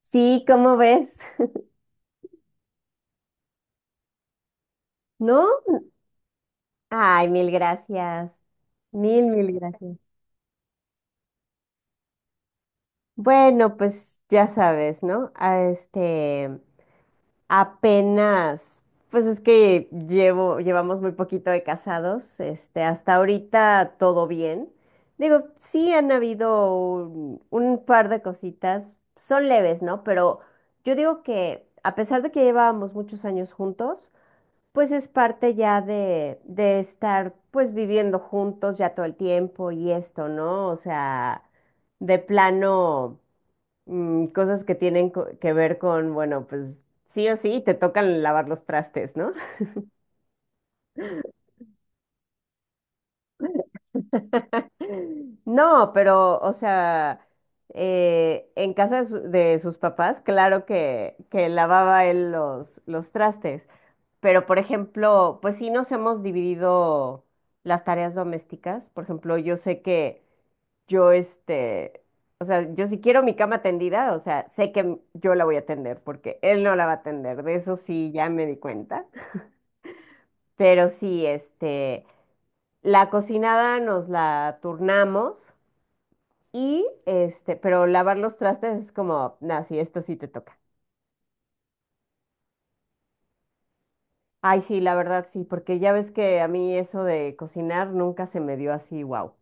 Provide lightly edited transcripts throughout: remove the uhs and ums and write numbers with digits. Sí, ¿cómo ves? ¿No? Ay, mil gracias. Mil, mil gracias. Bueno, pues ya sabes, ¿no? Apenas, pues es que llevamos muy poquito de casados, hasta ahorita todo bien. Digo, sí han habido un par de cositas, son leves, ¿no? Pero yo digo que a pesar de que llevábamos muchos años juntos, pues es parte ya de estar pues viviendo juntos ya todo el tiempo y esto, ¿no? O sea, de plano, cosas que tienen que ver con, bueno, pues sí o sí, te tocan lavar los trastes, ¿no? No, pero, o sea, en casa de sus papás, claro que lavaba él los trastes, pero por ejemplo, pues sí nos hemos dividido las tareas domésticas. Por ejemplo, yo sé que... yo, o sea, yo, si quiero mi cama tendida, o sea, sé que, yo la voy a tender porque él no la va a tender. De eso sí ya me di cuenta. Pero sí, la cocinada nos la turnamos y pero lavar los trastes es como, nah, sí, esto sí te toca. Ay, sí, la verdad sí, porque ya ves que a mí eso de cocinar nunca se me dio así, wow.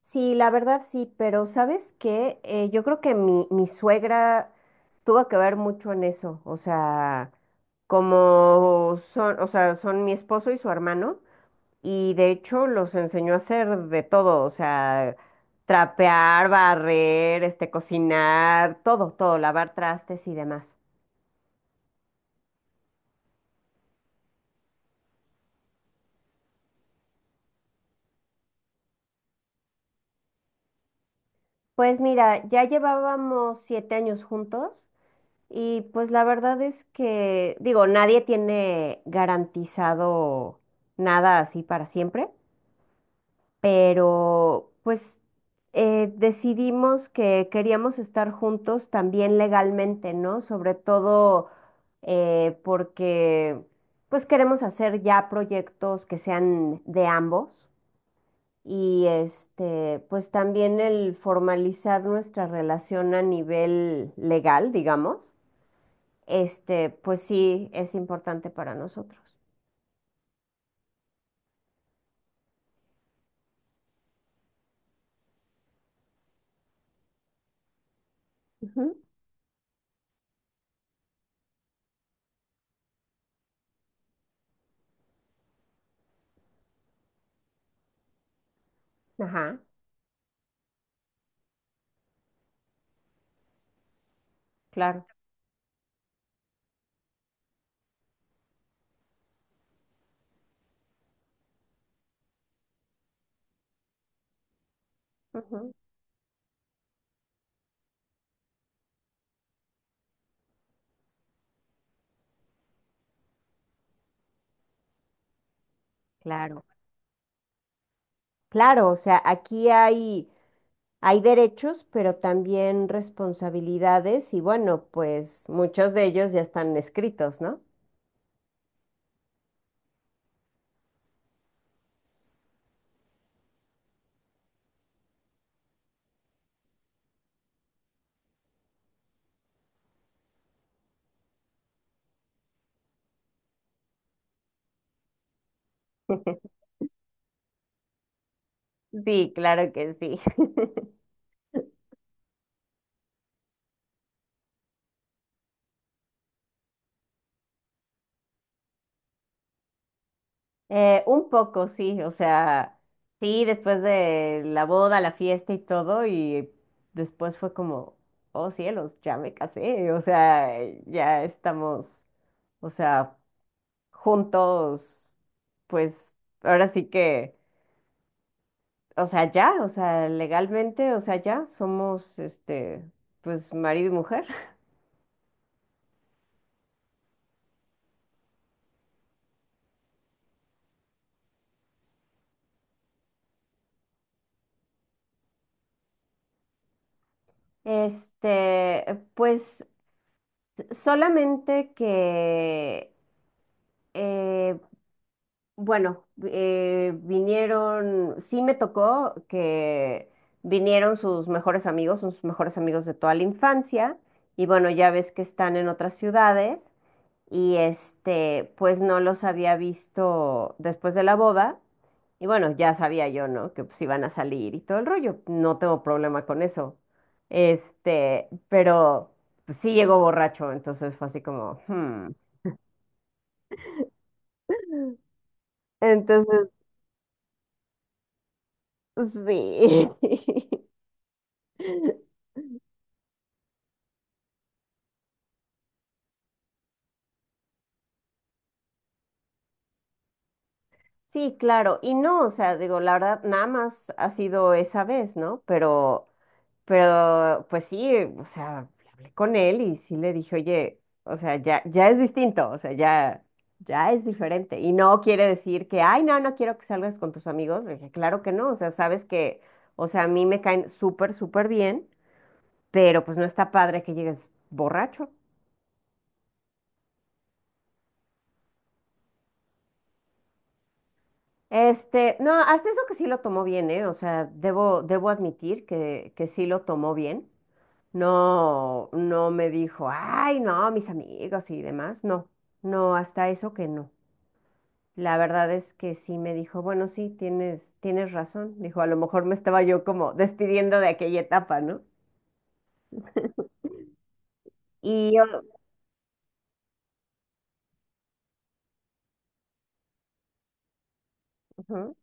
Sí, la verdad sí, pero ¿sabes qué? Yo creo que mi suegra tuvo que ver mucho en eso. O sea, como son, o sea, son mi esposo y su hermano, y de hecho los enseñó a hacer de todo, o sea, trapear, barrer, cocinar, todo, todo, lavar trastes y demás. Pues mira, ya llevábamos 7 años juntos. Y pues la verdad es que, digo, nadie tiene garantizado nada así para siempre, pero pues, decidimos que queríamos estar juntos también legalmente, ¿no? Sobre todo, porque pues queremos hacer ya proyectos que sean de ambos y, pues también el formalizar nuestra relación a nivel legal, digamos, pues sí es importante para nosotros. Ujú. Ajá, claro. Ujú. Claro. Claro, o sea, aquí hay, hay derechos, pero también responsabilidades y, bueno, pues muchos de ellos ya están escritos, ¿no? Sí, claro que sí. Un poco, sí, o sea, sí, después de la boda, la fiesta y todo, y después fue como, oh cielos, ya me casé, o sea, ya estamos, o sea, juntos, pues ahora sí que, o sea, ya, o sea, legalmente, o sea, ya somos, pues marido y mujer. Este, pues solamente que, eh, Bueno, vinieron, sí me tocó que vinieron sus mejores amigos, son sus mejores amigos de toda la infancia, y bueno, ya ves que están en otras ciudades, y, pues no los había visto después de la boda, y bueno, ya sabía yo, ¿no? Que pues iban a salir y todo el rollo, no tengo problema con eso, pero pues, sí llegó borracho. Entonces fue así como, hmm. Entonces, pues, sí. Sí, claro. Y no, o sea, digo, la verdad, nada más ha sido esa vez, ¿no? Pero, pues sí, o sea, hablé con él y sí le dije, oye, o sea, ya, ya es distinto, o sea, ya, ya es diferente. Y no quiere decir que, ay, no, no quiero que salgas con tus amigos. Le dije, claro que no, o sea, sabes que, o sea, a mí me caen súper, súper bien, pero pues no está padre que llegues borracho. No, hasta eso que sí lo tomó bien, ¿eh? O sea, debo admitir que sí lo tomó bien. No, no me dijo, ay, no, mis amigos y demás. No, no, hasta eso que no. La verdad es que sí me dijo, bueno, sí, tienes razón. Dijo, a lo mejor me estaba yo como despidiendo de aquella etapa, ¿no? Y yo, ujú,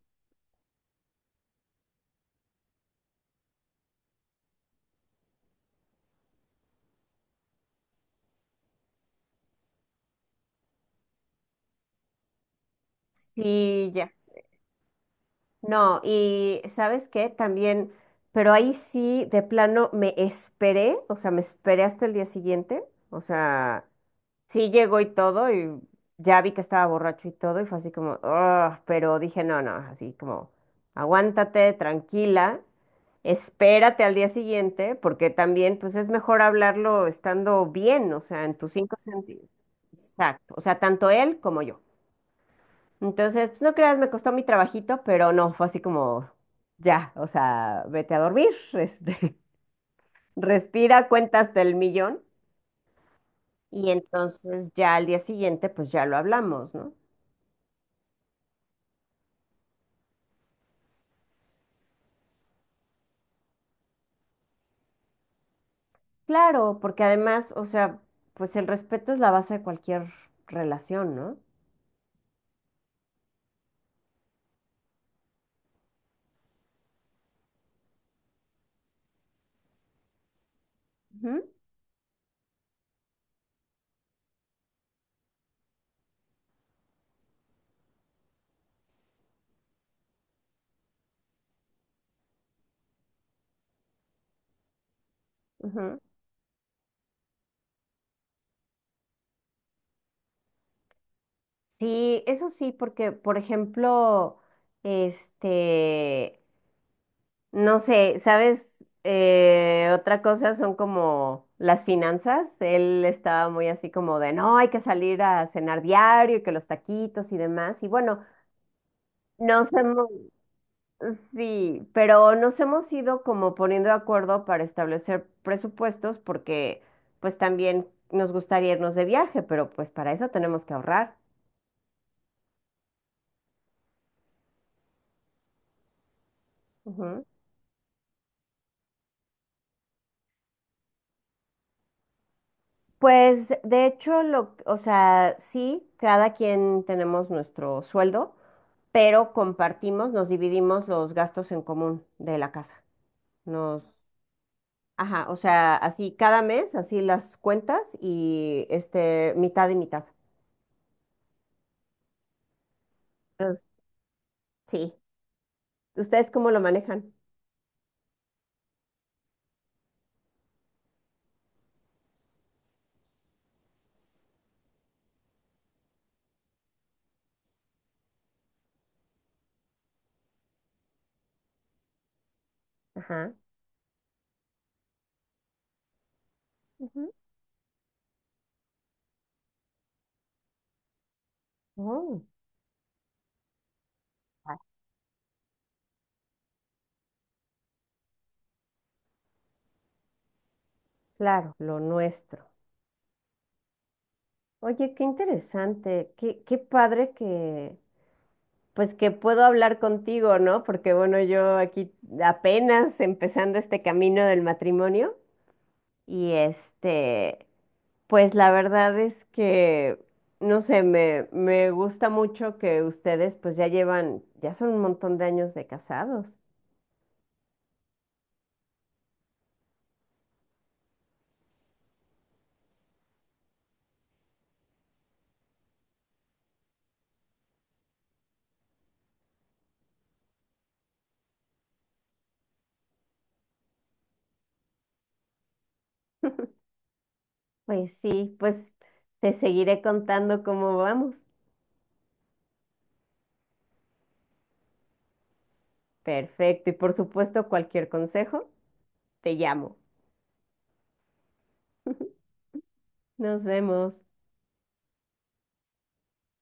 sí, ya. No, y ¿sabes qué? También, pero ahí sí, de plano, me esperé, o sea, me esperé hasta el día siguiente, o sea, sí llegó y todo, y ya vi que estaba borracho y todo, y fue así como, "Ugh", pero dije, no, no, así como, aguántate, tranquila, espérate al día siguiente, porque también, pues es mejor hablarlo estando bien, o sea, en tus cinco sentidos. Exacto, o sea, tanto él como yo. Entonces, pues no creas, me costó mi trabajito, pero no, fue así como, ya, o sea, vete a dormir, respira, cuenta hasta el millón y entonces ya al día siguiente, pues ya lo hablamos, ¿no? Claro, porque además, o sea, pues el respeto es la base de cualquier relación, ¿no? Ujú, ujú. Sí, eso sí, porque, por ejemplo, este, no sé, ¿sabes? Otra cosa son como las finanzas. Él estaba muy así como de, no, hay que salir a cenar diario y que los taquitos y demás. Y bueno, nos hemos, sí, pero nos hemos ido como poniendo de acuerdo para establecer presupuestos porque pues también nos gustaría irnos de viaje, pero pues para eso tenemos que ahorrar. Pues de hecho, lo, o sea, sí, cada quien tenemos nuestro sueldo, pero compartimos, nos dividimos los gastos en común de la casa. Nos, ajá, o sea, así cada mes, así las cuentas y, mitad y mitad. Entonces, sí. ¿Ustedes cómo lo manejan? Ajá. Ujú. Oh, ah, claro, lo nuestro. Oye, qué interesante, qué padre que, pues que puedo hablar contigo, ¿no? Porque bueno, yo aquí apenas empezando este camino del matrimonio y, pues la verdad es que, no sé, me gusta mucho que ustedes pues ya llevan, ya son un montón de años de casados. Pues sí, pues te seguiré contando cómo vamos. Perfecto, y por supuesto cualquier consejo, te llamo. Nos vemos.